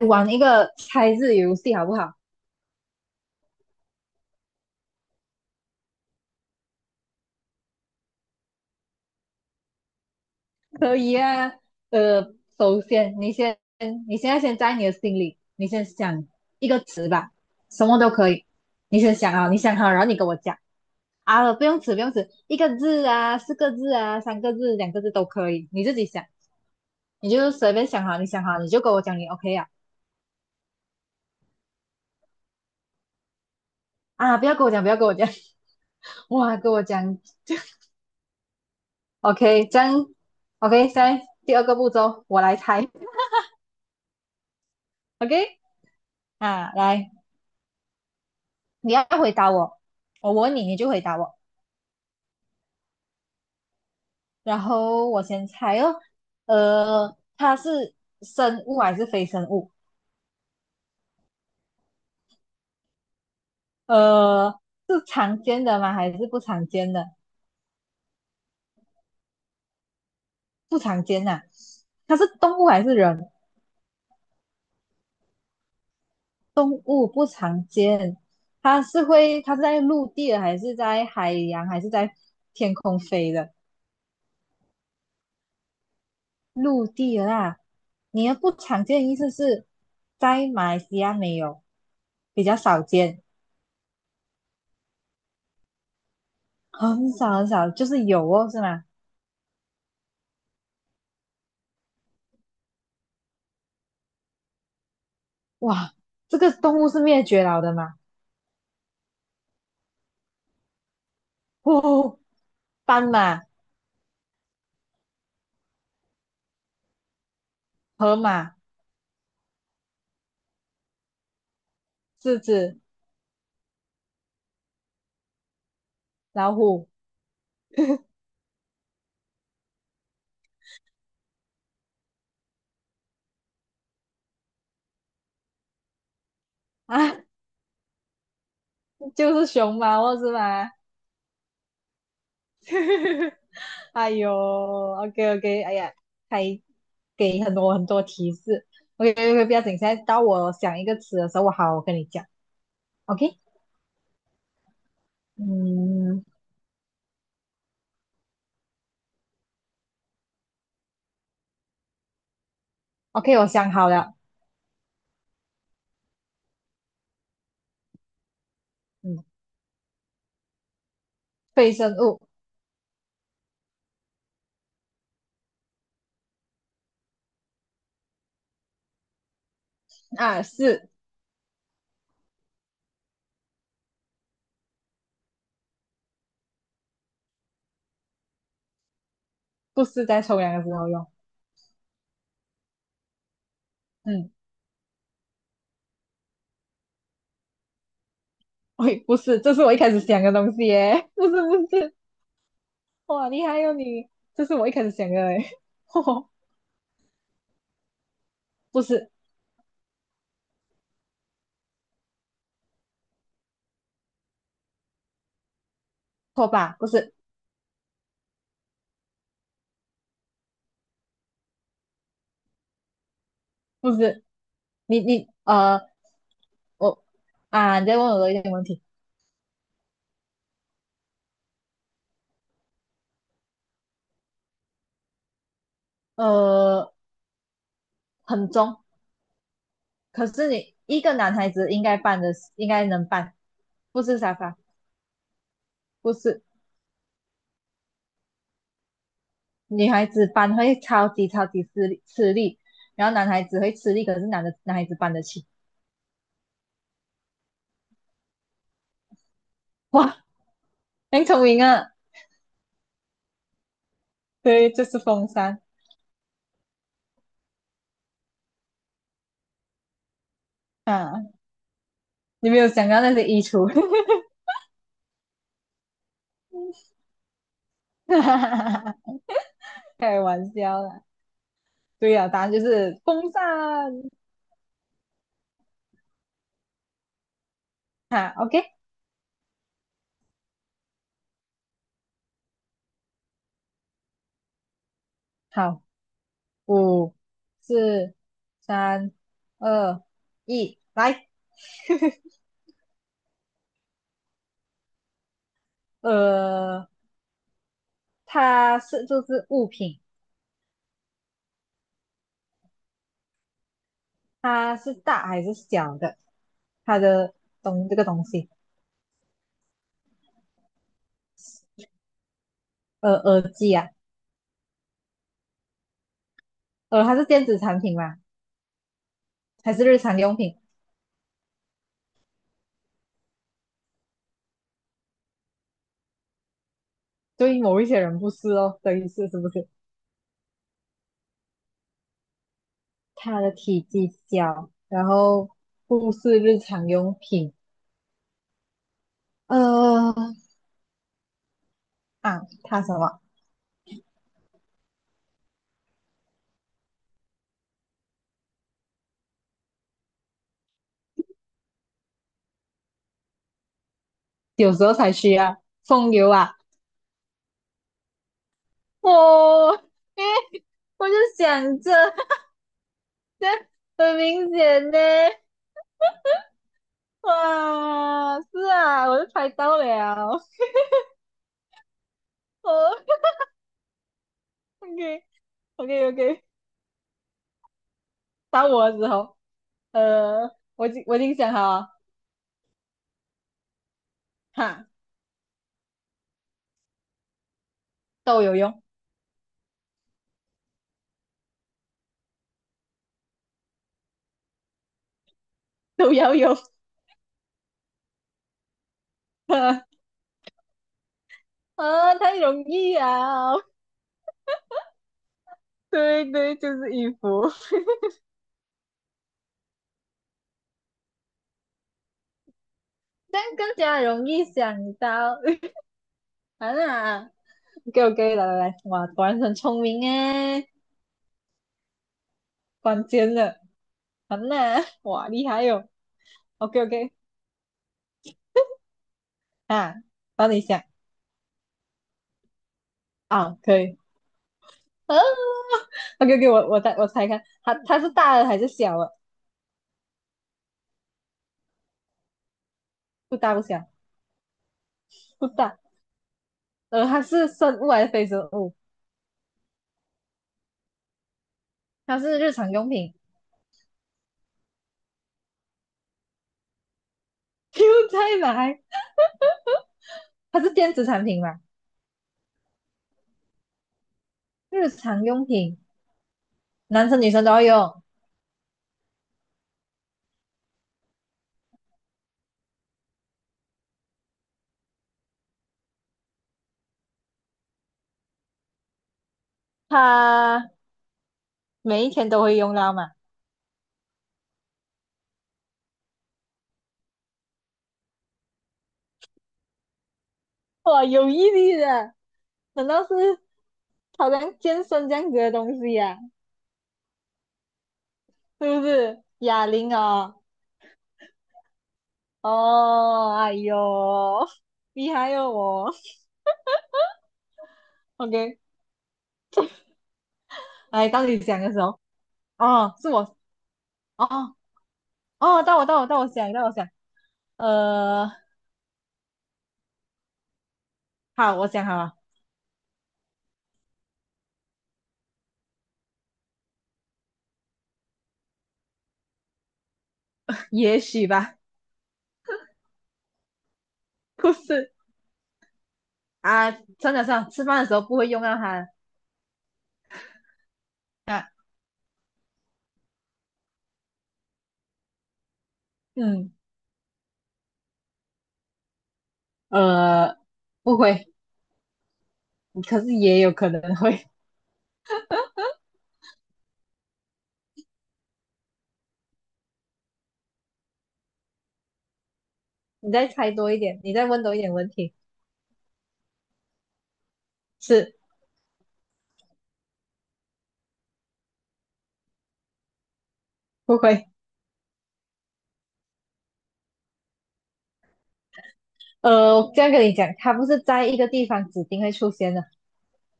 玩一个猜字游戏好不好？可以啊。呃，首先你先，你现在先在你的心里，你先想一个词吧，什么都可以。你先想啊，你想好，然后你跟我讲啊，不用词，不用词，一个字啊，四个字啊，三个字，两个字都可以，你自己想，你就随便想好，你想好你就跟我讲，你 OK 啊。啊，不要跟我讲，不要跟我讲，哇，跟我讲，OK,这样，OK,现在第二个步骤我来猜，OK,啊，来，你要回答我，哦我问你，你就回答我。然后我先猜哦，它是生物还是非生物？呃，是常见的吗？还是不常见的？不常见呐、它是动物还是人？动物不常见。它是会，它是在陆地的，还是在海洋，还是在天空飞的？陆地的啦。你的不常见的意思是在马来西亚没有，比较少见。哦很少很少，就是有哦，是吗？哇，这个动物是灭绝了的嘛？哦，斑马、河马、狮子、老虎啊，就是熊猫哦，是吗？哎呦，OK OK,哎呀，还给很多很多提示。OK OK,不要紧，现在到我想一个词的时候，我好，我跟你讲。OK,嗯，OK,我想好了，嗯，非生物啊，是不是在冲凉的时候用？嗯。喂，不是，这是我一开始想的东西耶，不是不是，哇，厉害哟、你，这是我一开始想的哎，哦不是，拖把，不是不是，你呃，我啊，你在问我的一点问题，呃，很重，可是你一个男孩子应该办的，应该能办，不是沙发，不是女孩子搬会超级超级吃力吃力，然后男孩子会吃力，可是男的男孩子搬得起，哇，很聪明啊，对，就是风扇啊。你没有想到那些衣橱 开玩笑啦。对呀、答案就是风扇啊。哈，OK,好，五、四、三、二、一，来。呃，它是就是物品，它是大还是小的？它的东这个东西，呃，耳机啊，它是电子产品吗？还是日常用品？对于某一些人不是哦，等于是是不是？它的体积小，然后不是日常用品。呃，啊，他什么？有时候才需要风油啊。哦，诶，我就想着很明显呢。哇，是啊，我就猜到了。哦OK，OK，OK，到我的时候，呃，我已经想好了哈，都有用，都要用。啊，太容易啊！对对，就是衣服，这样更加容易想到。啊啦，OK OK,来来来，哇，果然很聪明诶，关键了，好啦，哇，厉害哟、哦 OK OK,啊，帮你想啊，可以。啊，OK OK,我猜看，它它是大的还是小的？不大不小，不大。它是生物还是非生物？它是日常用品。又再来，它是电子产品嘛？日常用品，男生女生都要用。它每一天都会用到嘛？哇，有毅力的，难道是好像健身这样子的东西呀、是不是？哑铃啊？哦，哎呦，厉害哦我。OK,来到你讲的时候，哦，是我，哦哦，到我想，呃，好，我想好了，也许吧，不是啊，算了算了，吃饭的时候不会用到它啊，嗯，呃，不会，可是也有可能会。你再猜多一点，你再问多一点问题，是不会。我这样跟你讲，它不是在一个地方指定会出现的，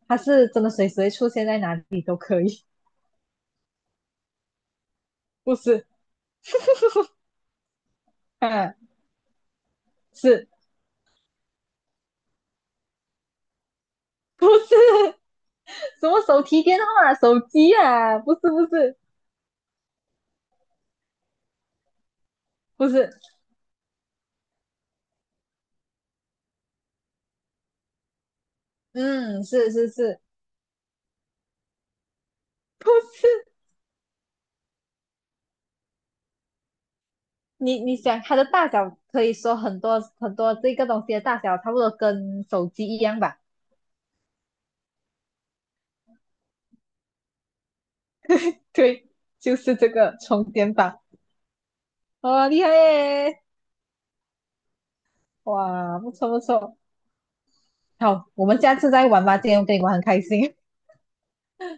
它是真的随时会出现在哪里都可以，不是？嗯，是不是 什么手提电话啊、手机啊？不是，不是，不是，嗯，是是是，不是。你你想它的大小，可以说很多很多这个东西的大小差不多跟手机一样吧？对，就是这个充电宝，哇、厉害耶！哇，不错不错，好，我们下次再玩吧。今天我跟你玩很开心，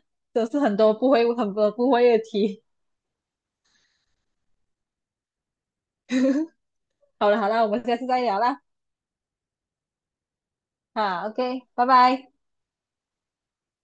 都是很多不会很多不会的题。好了好了，我们下次再聊啦。啊，OK,拜拜。